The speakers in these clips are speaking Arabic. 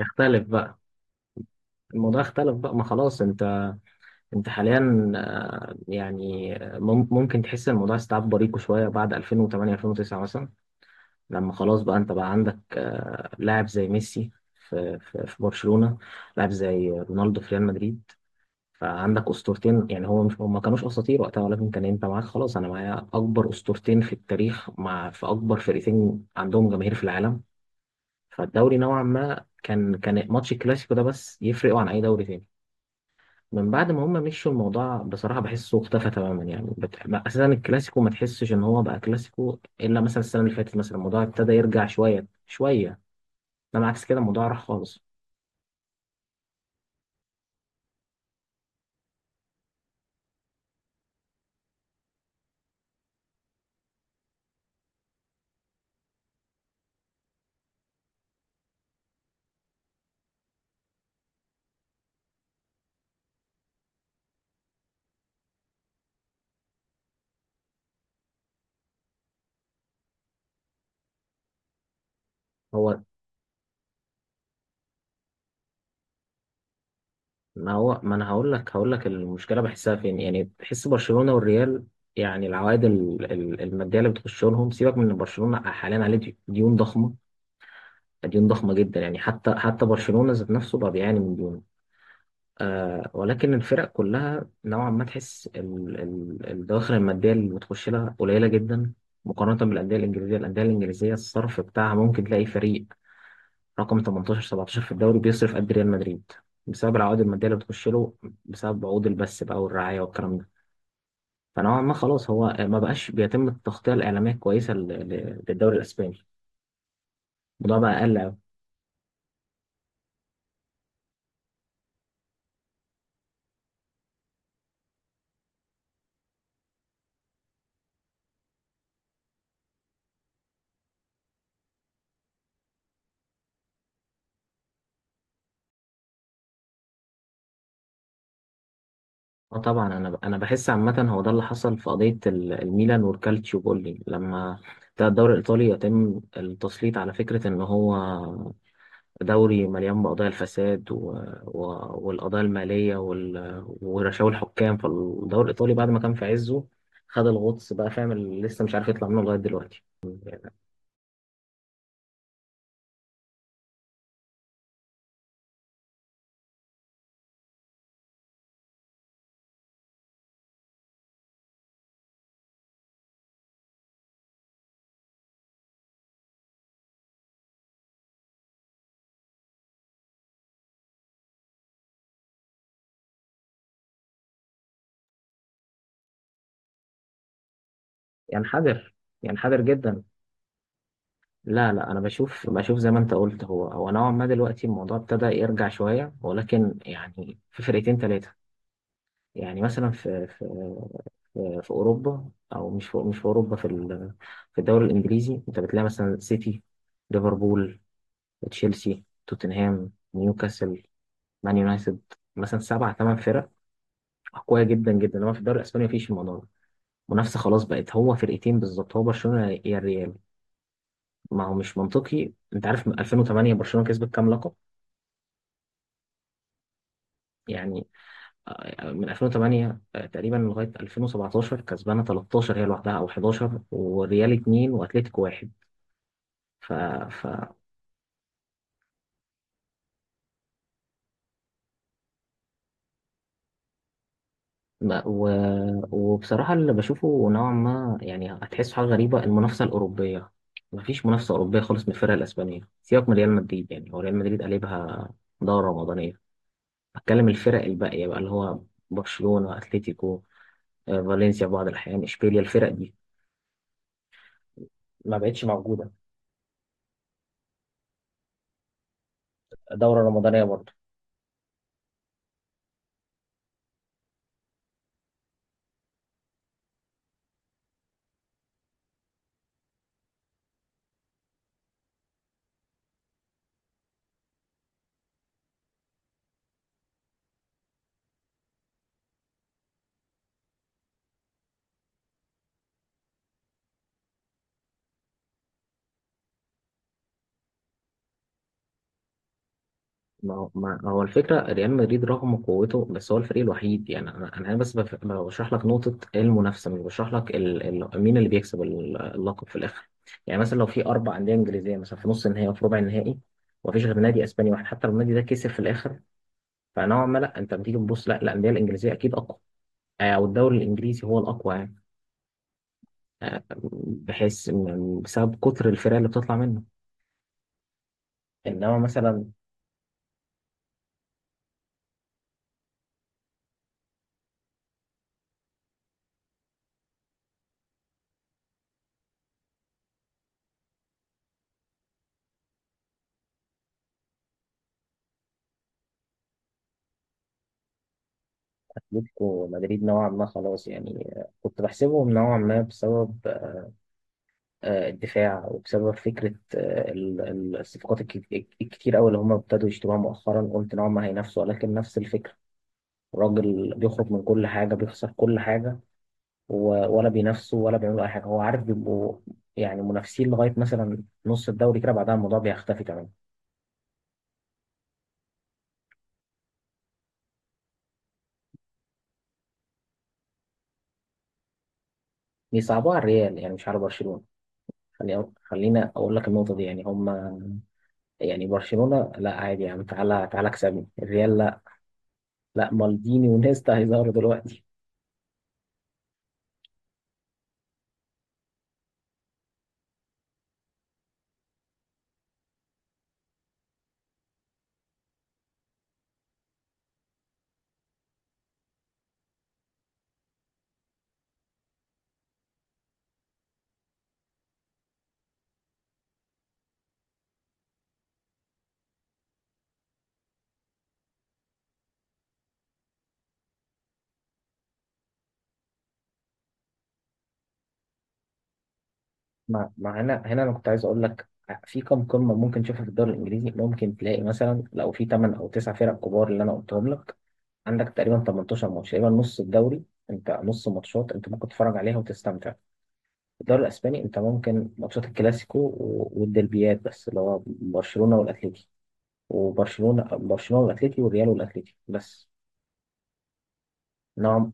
اختلف بقى. الموضوع اختلف بقى ما خلاص انت انت حاليا، يعني ممكن تحس ان الموضوع استيعاب بريقه شويه بعد 2008 2009 مثلا. لما خلاص بقى انت بقى عندك، لاعب زي ميسي في برشلونه، لاعب زي رونالدو في ريال مدريد. فعندك اسطورتين، يعني هو مش هم كانوش اساطير وقتها، ولكن كان انت معاك خلاص، انا معايا اكبر اسطورتين في التاريخ مع في اكبر فرقتين عندهم جماهير في العالم. فالدوري نوعا ما كان ماتش الكلاسيكو ده بس يفرقوا عن اي دوري تاني. من بعد ما هم مشوا الموضوع بصراحة بحسه اختفى تماما، يعني بت... ما- أساسا الكلاسيكو ما تحسش إن هو بقى كلاسيكو إلا مثلا السنة اللي فاتت، مثلا الموضوع ابتدى يرجع شوية شوية، إنما عكس كده الموضوع راح خالص. هو ما أنا هقول لك المشكلة بحسها فين، يعني بحس برشلونة والريال يعني العوائد المادية اللي بتخش لهم، سيبك من إن برشلونة حاليا عليه ديون ضخمة، ديون ضخمة جدا. يعني حتى برشلونة ذات نفسه بقى بيعاني من ديون. آه، ولكن الفرق كلها نوعا ما تحس الدواخر المادية اللي بتخش لها قليلة جدا مقارنة بالأندية الإنجليزية. الأندية الإنجليزية، الصرف بتاعها ممكن تلاقي فريق رقم 18 17 في الدوري بيصرف قد ريال مدريد، بسبب العوائد المادية اللي بتخش له، بسبب عقود البث بقى والرعاية والكلام ده. فنوعا ما خلاص هو ما بقاش بيتم التغطية الإعلامية الكويسة للدوري الإسباني، الموضوع بقى أقل. اه طبعا، انا بحس عامه هو ده اللي حصل في قضيه الميلان والكالتشيو بولي، لما ده الدوري الايطالي يتم التسليط على فكره ان هو دوري مليان بقضايا الفساد و... والقضايا الماليه ورشاوي الحكام. فالدوري الايطالي بعد ما كان في عزه خد الغطس بقى، فاهم؟ اللي لسه مش عارف يطلع منه لغايه دلوقتي. ينحدر، ينحدر جدا. لا انا بشوف زي ما انت قلت، هو نوعا ما دلوقتي الموضوع ابتدى يرجع شويه، ولكن يعني في فرقتين ثلاثه. يعني مثلا في في اوروبا، او مش في، مش في اوروبا، في في الدوري الانجليزي انت بتلاقي مثلا سيتي، ليفربول، تشيلسي، توتنهام، نيوكاسل، مان يونايتد، مثلا سبع ثمان فرق قوية جدا جدا، انما في الدوري الاسباني مفيش الموضوع ده. منافسة خلاص بقت هو فرقتين بالظبط، هو برشلونة يا الريال. ما هو مش منطقي، انت عارف من 2008 برشلونة كسبت كام لقب؟ يعني، من 2008 تقريبا لغايه 2017 كسبانه 13 هي لوحدها، او 11 والريال 2 واتلتيكو 1. ف ف ما- و... وبصراحه اللي بشوفه نوعا ما، يعني هتحس حاجه غريبه، المنافسه الاوروبيه مفيش منافسه اوروبيه خالص من الفرق الاسبانيه. سيبك من ريال مدريد، يعني هو ريال مدريد قلبها دوره رمضانيه. بتكلم الفرق الباقيه بقى اللي هو برشلونه، اتلتيكو، فالنسيا في بعض الاحيان، اشبيليا، الفرق دي ما بقتش موجوده دوره رمضانيه. ما هو الفكرة ريال مدريد رغم قوته بس هو الفريق الوحيد. يعني أنا بس بشرح لك نقطة المنافسة، مش بشرح لك مين اللي بيكسب اللقب في الآخر. يعني مثلا لو في أربع أندية إنجليزية مثلا في نص النهائي وفي ربع النهائي، ومفيش غير نادي أسباني واحد، حتى لو النادي ده كسب في الآخر فنوعا ما لا، أنت بتيجي تبص لا الأندية الإنجليزية أكيد أقوى، أو الدوري الإنجليزي هو الأقوى، يعني، آه، بحيث بسبب كتر الفرق اللي بتطلع منه، إنما مثلا أتلتيكو مدريد نوعا ما خلاص. يعني، كنت بحسبهم نوعا ما بسبب، الدفاع، وبسبب فكرة، الصفقات الكتير أوي اللي هم ابتدوا يشتروها مؤخرا، قلت إن هم هينافسوا، ولكن نفس الفكرة. الراجل بيخرج من كل حاجة، بيخسر كل حاجة، ولا بينافسوا ولا بيعملوا أي حاجة. هو عارف بيبقوا يعني منافسين لغاية مثلا نص الدوري كده، بعدها الموضوع بيختفي كمان. بيصعبوها على الريال يعني، مش على برشلونة. خلينا أقول لك النقطة دي. يعني هم، يعني برشلونة لا عادي، يعني تعالى تعالى اكسبني الريال لا، لا مالديني ونيستا هيظهروا دلوقتي. ما هنا انا كنت عايز اقول لك في كم قمه ممكن تشوفها؟ في الدوري الانجليزي ممكن تلاقي مثلا، لو في 8 او 9 فرق كبار اللي انا قلتهم لك، عندك تقريبا 18 ماتش، تقريبا نص الدوري، انت نص ماتشات انت ممكن تتفرج عليها وتستمتع. في الدوري الاسباني انت ممكن ماتشات الكلاسيكو والديربيات بس، اللي هو برشلونه والاتليتي وبرشلونه والاتليتي والريال والاتليتي بس. نوع.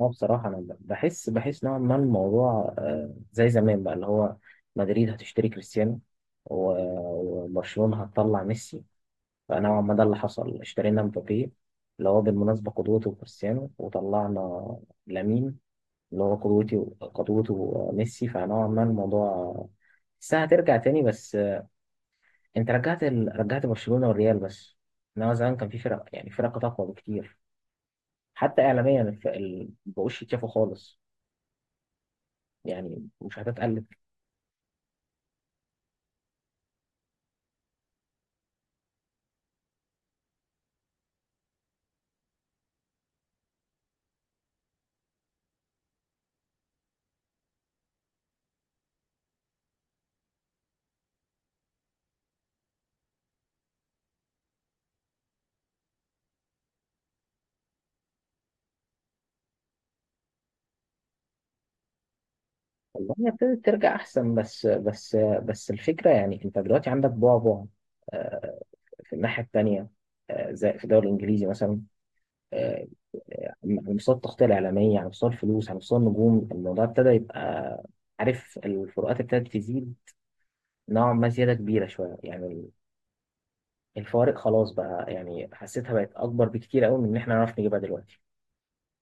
اه بصراحة أنا بحس، بحس، نوعا ما الموضوع، زي زمان بقى، اللي هو مدريد هتشتري كريستيانو، وبرشلونة هتطلع ميسي. فنوعا ما ده اللي حصل، اشترينا مبابي اللي هو بالمناسبة قدوته وكريستيانو، وطلعنا لامين اللي هو قدوتي، قدوته ميسي. فنوعا ما الموضوع الساعة هترجع تاني، بس، انت رجعت رجعت برشلونة والريال بس، انما زمان كان في فرق يعني فرق اقوى بكتير. حتى اعلاميا مبقوش يتشافوا خالص، يعني مش هتتقلب. والله هي ابتدت ترجع احسن، بس بس الفكره يعني انت دلوقتي عندك بعبع، آه، في الناحيه التانيه، زي في الدوري الانجليزي مثلا، آه، على مستوى التغطيه الاعلاميه، على مستوى الفلوس، على مستوى النجوم، الموضوع ابتدى يبقى، عارف، الفروقات ابتدت تزيد نوعا ما زياده كبيره شويه، يعني الفوارق خلاص بقى يعني حسيتها بقت اكبر بكتير قوي من ان احنا نعرف نجيبها دلوقتي.